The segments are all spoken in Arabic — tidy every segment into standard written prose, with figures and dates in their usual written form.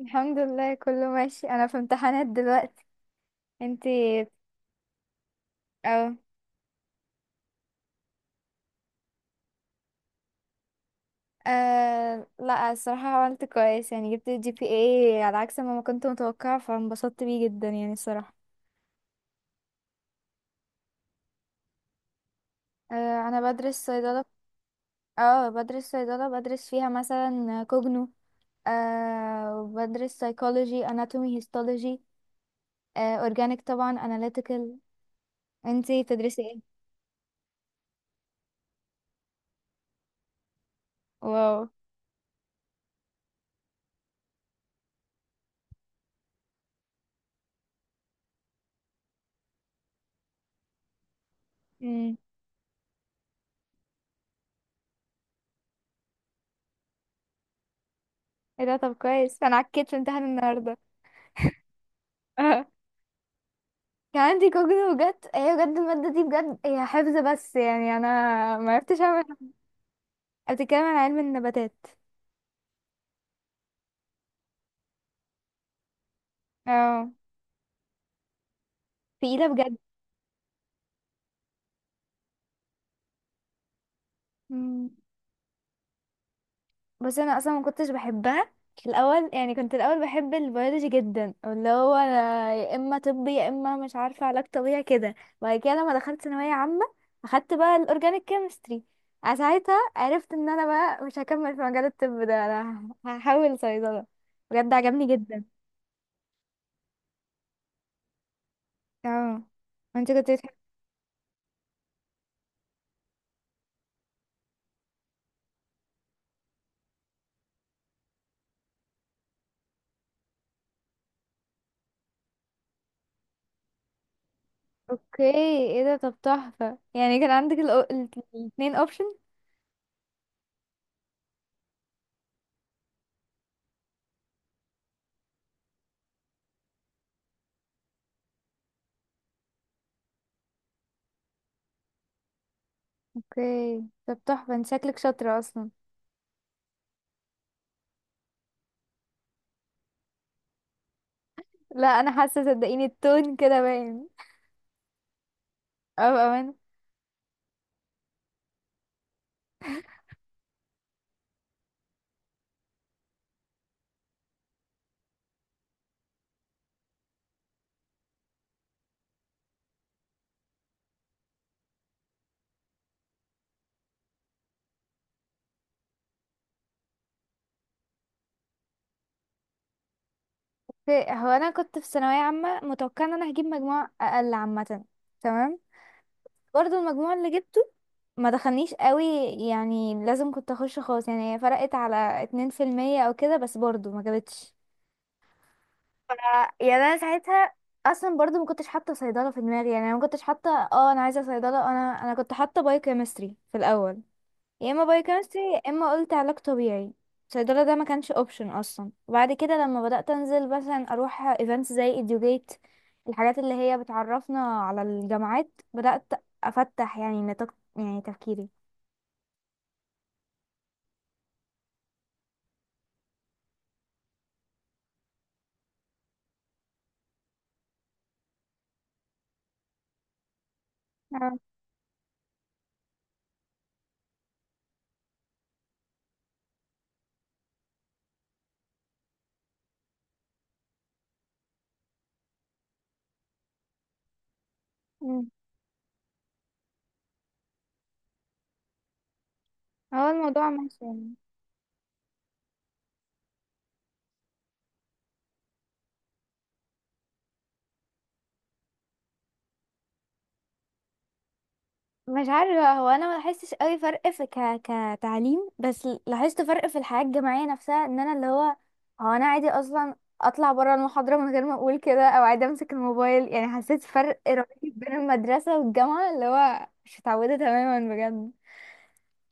الحمد لله كله ماشي. انا في امتحانات دلوقتي. انتي؟ اه. لا، الصراحة عملت كويس يعني. جبت جي بي اي على عكس ما كنت متوقعة، فانبسطت بيه جدا يعني الصراحة. انا بدرس صيدلة. اه بدرس صيدلة، بدرس فيها مثلا كوجنو، وبدرس سايكولوجي، اناتومي، هيستولوجي، اورجانيك طبعا، اناليتيكال. انتي بتدرسي ايه؟ واو. امم. ايه ده؟ طب كويس، انا عكيت في امتحان النهارده. كان عندي كوجني. بجد هي بجد المادة دي، بجد هي حفظ بس يعني انا ما عرفتش اعمل. بتتكلم عن علم النباتات. اه، تقيلة بجد. مم. بس انا اصلا ما كنتش بحبها في الاول. يعني كنت الاول بحب البيولوجي جدا، اللي هو أنا يا اما طب يا اما مش عارفه علاج طبيعي كده. وبعد كده لما دخلت ثانويه عامه اخدت بقى الاورجانيك كيمستري، ساعتها عرفت ان انا بقى مش هكمل في مجال الطب ده، انا هحاول صيدله. بجد عجبني جدا. اه. انت كنت بتحبي؟ اوكي. ايه ده؟ طب تحفة يعني. كان عندك الاتنين اوبشن. اوكي طب تحفة، انت شكلك شاطرة اصلا. لا، انا حاسة، صدقيني التون كده باين. اه، بأمانة. اوكي، هو انا كنت في ثانوية عامة متوقعة ان انا هجيب مجموع اقل عامة. تمام. برضو المجموع اللي جبته ما دخلنيش قوي، يعني لازم كنت اخش خالص يعني. فرقت على 2% او كده، بس برضو ما جابتش. ف- يعني انا ساعتها اصلا برضو ما كنتش حاطه صيدله في دماغي، يعني انا ما كنتش حاطه انا عايزه صيدله. انا كنت حاطه بايوكيمستري في الاول، يا اما بايوكيمستري يا اما قلت علاج طبيعي. صيدله ده ما كانش اوبشن اصلا. وبعد كده لما بدات انزل مثلا اروح ايفنتس زي ايديوجيت، الحاجات اللي هي بتعرفنا على الجامعات، بدات افتح يعني نطاق يعني تفكيري. اه. مم. هو الموضوع ماشي يعني. مش عارفة، هو انا ما لاحظتش قوي فرق في كتعليم، بس لاحظت فرق في الحياة الجامعية نفسها. ان انا اللي هو انا عادي اصلا اطلع برا المحاضرة من غير ما اقول كده، او عادي امسك الموبايل. يعني حسيت فرق رهيب بين المدرسة والجامعة، اللي هو مش متعودة تماما بجد.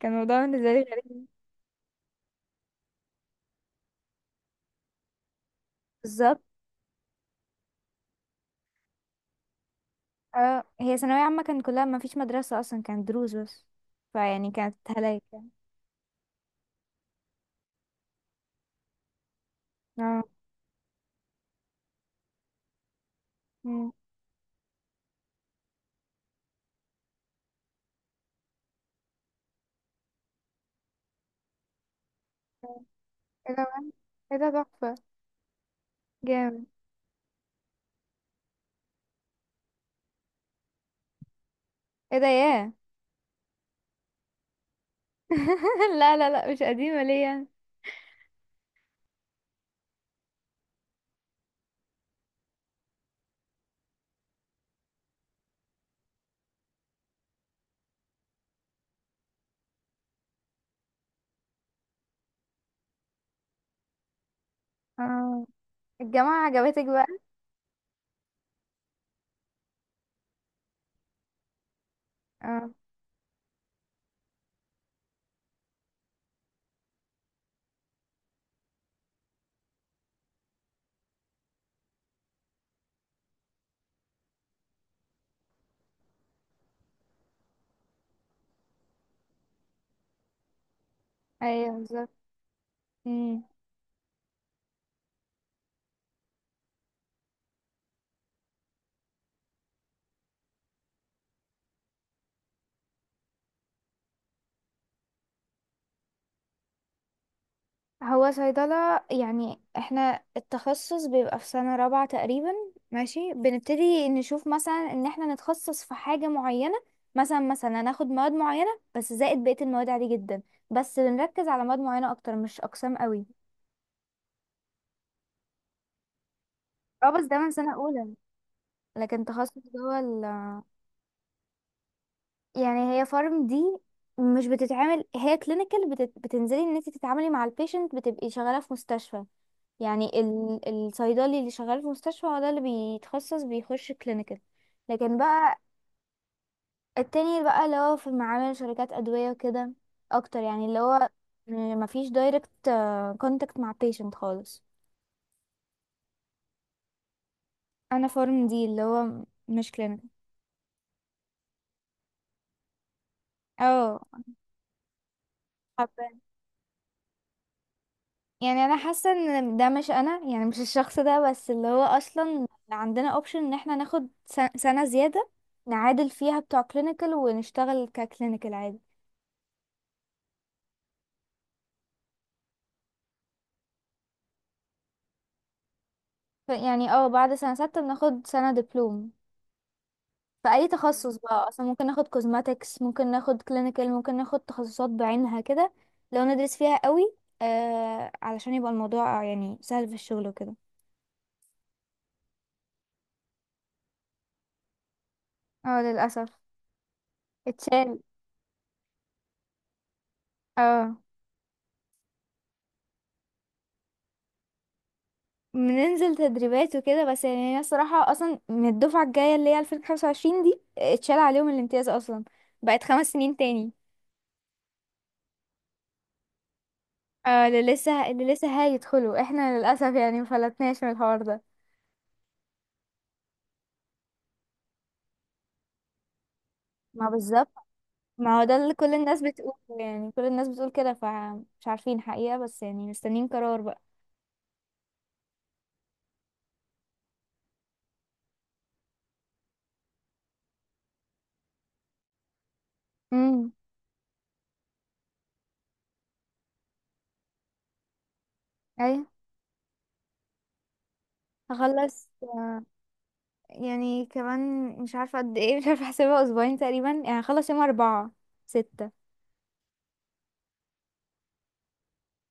كان الموضوع بالنسبة لي غريب. بالظبط. اه، هي ثانوية عامة كان كلها ما فيش مدرسة اصلا، كانت دروس بس. فيعني كانت هلاك يعني. اه. مم. ايه ده بقى؟ ايه ده، تحفة! جامد! ايه ده، ياه! لا لا لا، مش قديمة ليه يعني. اه. الجامعة عجبتك بقى؟ اه. ايوه بالظبط. مم. هو صيدلة يعني احنا التخصص بيبقى في سنة رابعة تقريبا. ماشي، بنبتدي نشوف مثلا ان احنا نتخصص في حاجة معينة. مثلا هناخد مواد معينة بس زائد بقية المواد عادي جدا، بس بنركز على مواد معينة اكتر. مش اقسام قوي. اه بس ده من سنة اولى، لكن تخصص جوه. يعني هي فارم دي مش بتتعمل. هي كلينيكال بتنزلي ان انت تتعاملي مع البيشنت، بتبقي شغاله في مستشفى. يعني الصيدلي اللي شغال في مستشفى هو ده اللي بيتخصص بيخش كلينيكال. لكن بقى التاني بقى اللي هو في معامل شركات ادويه وكده اكتر، يعني اللي هو مفيش دايركت كونتاكت مع بيشنت خالص. انا فارم دي اللي هو مش كلينيكال. اه. يعني انا حاسه ان ده مش انا، يعني مش الشخص ده. بس اللي هو اصلا عندنا اوبشن ان احنا ناخد سنه زياده، نعادل فيها بتوع كلينيكال ونشتغل ككلينيكال عادي. يعني بعد سنه سته بناخد سنه دبلوم في اي تخصص بقى اصلا. ممكن ناخد كوزماتكس، ممكن ناخد كلينيكال، ممكن ناخد تخصصات بعينها كده لو ندرس فيها قوي، آه، علشان يبقى الموضوع يعني سهل في الشغل وكده. اه، للاسف اتشال. اه، بننزل تدريبات وكده. بس يعني انا الصراحة اصلا من الدفعة الجاية اللي هي 2025 دي اتشال عليهم الامتياز اصلا، بقت 5 سنين تاني. اه، اللي لسه هيدخلوا احنا، للأسف يعني مفلتناش من الحوار ده. ما بالظبط، ما هو ده اللي كل الناس بتقوله. يعني كل الناس بتقول كده، فمش عارفين حقيقة، بس يعني مستنيين قرار بقى. امم. ايوه. هخلص، يعني كمان مش عارفة قد ايه، مش عارفة احسبها. اسبوعين تقريبا يعني. هخلص يوم اربعة ستة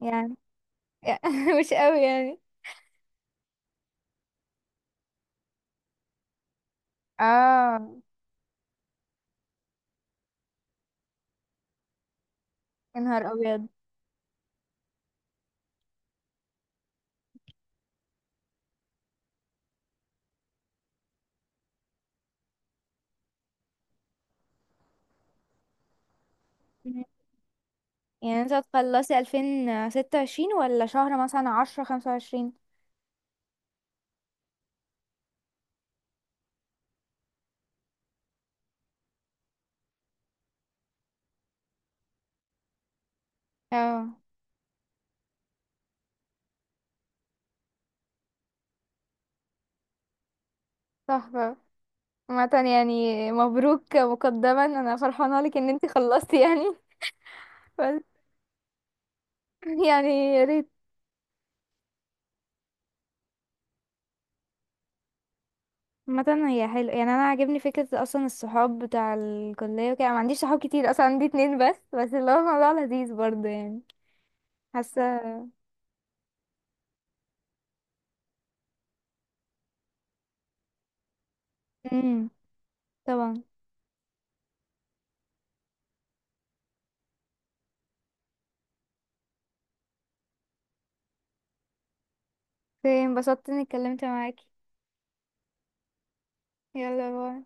يعني. مش قوي يعني. اه. يا نهار ابيض! مم. يعني انت هتخلصي 2026 ولا شهر مثلا 10 25؟ اه، تحفة. عامة يعني مبروك مقدما، انا فرحانة لك ان انت خلصتي يعني. بس يعني يا ريت. عامة هي حلو يعني. انا عاجبني فكرة اصلا الصحاب بتاع الكلية وكده. أنا ما عنديش صحاب كتير اصلا، عندي اتنين بس اللي هو الموضوع لذيذ برضه يعني. حاسة. امم. طبعا. اوكي، انبسطت اني اتكلمت معاكي. يلا باي.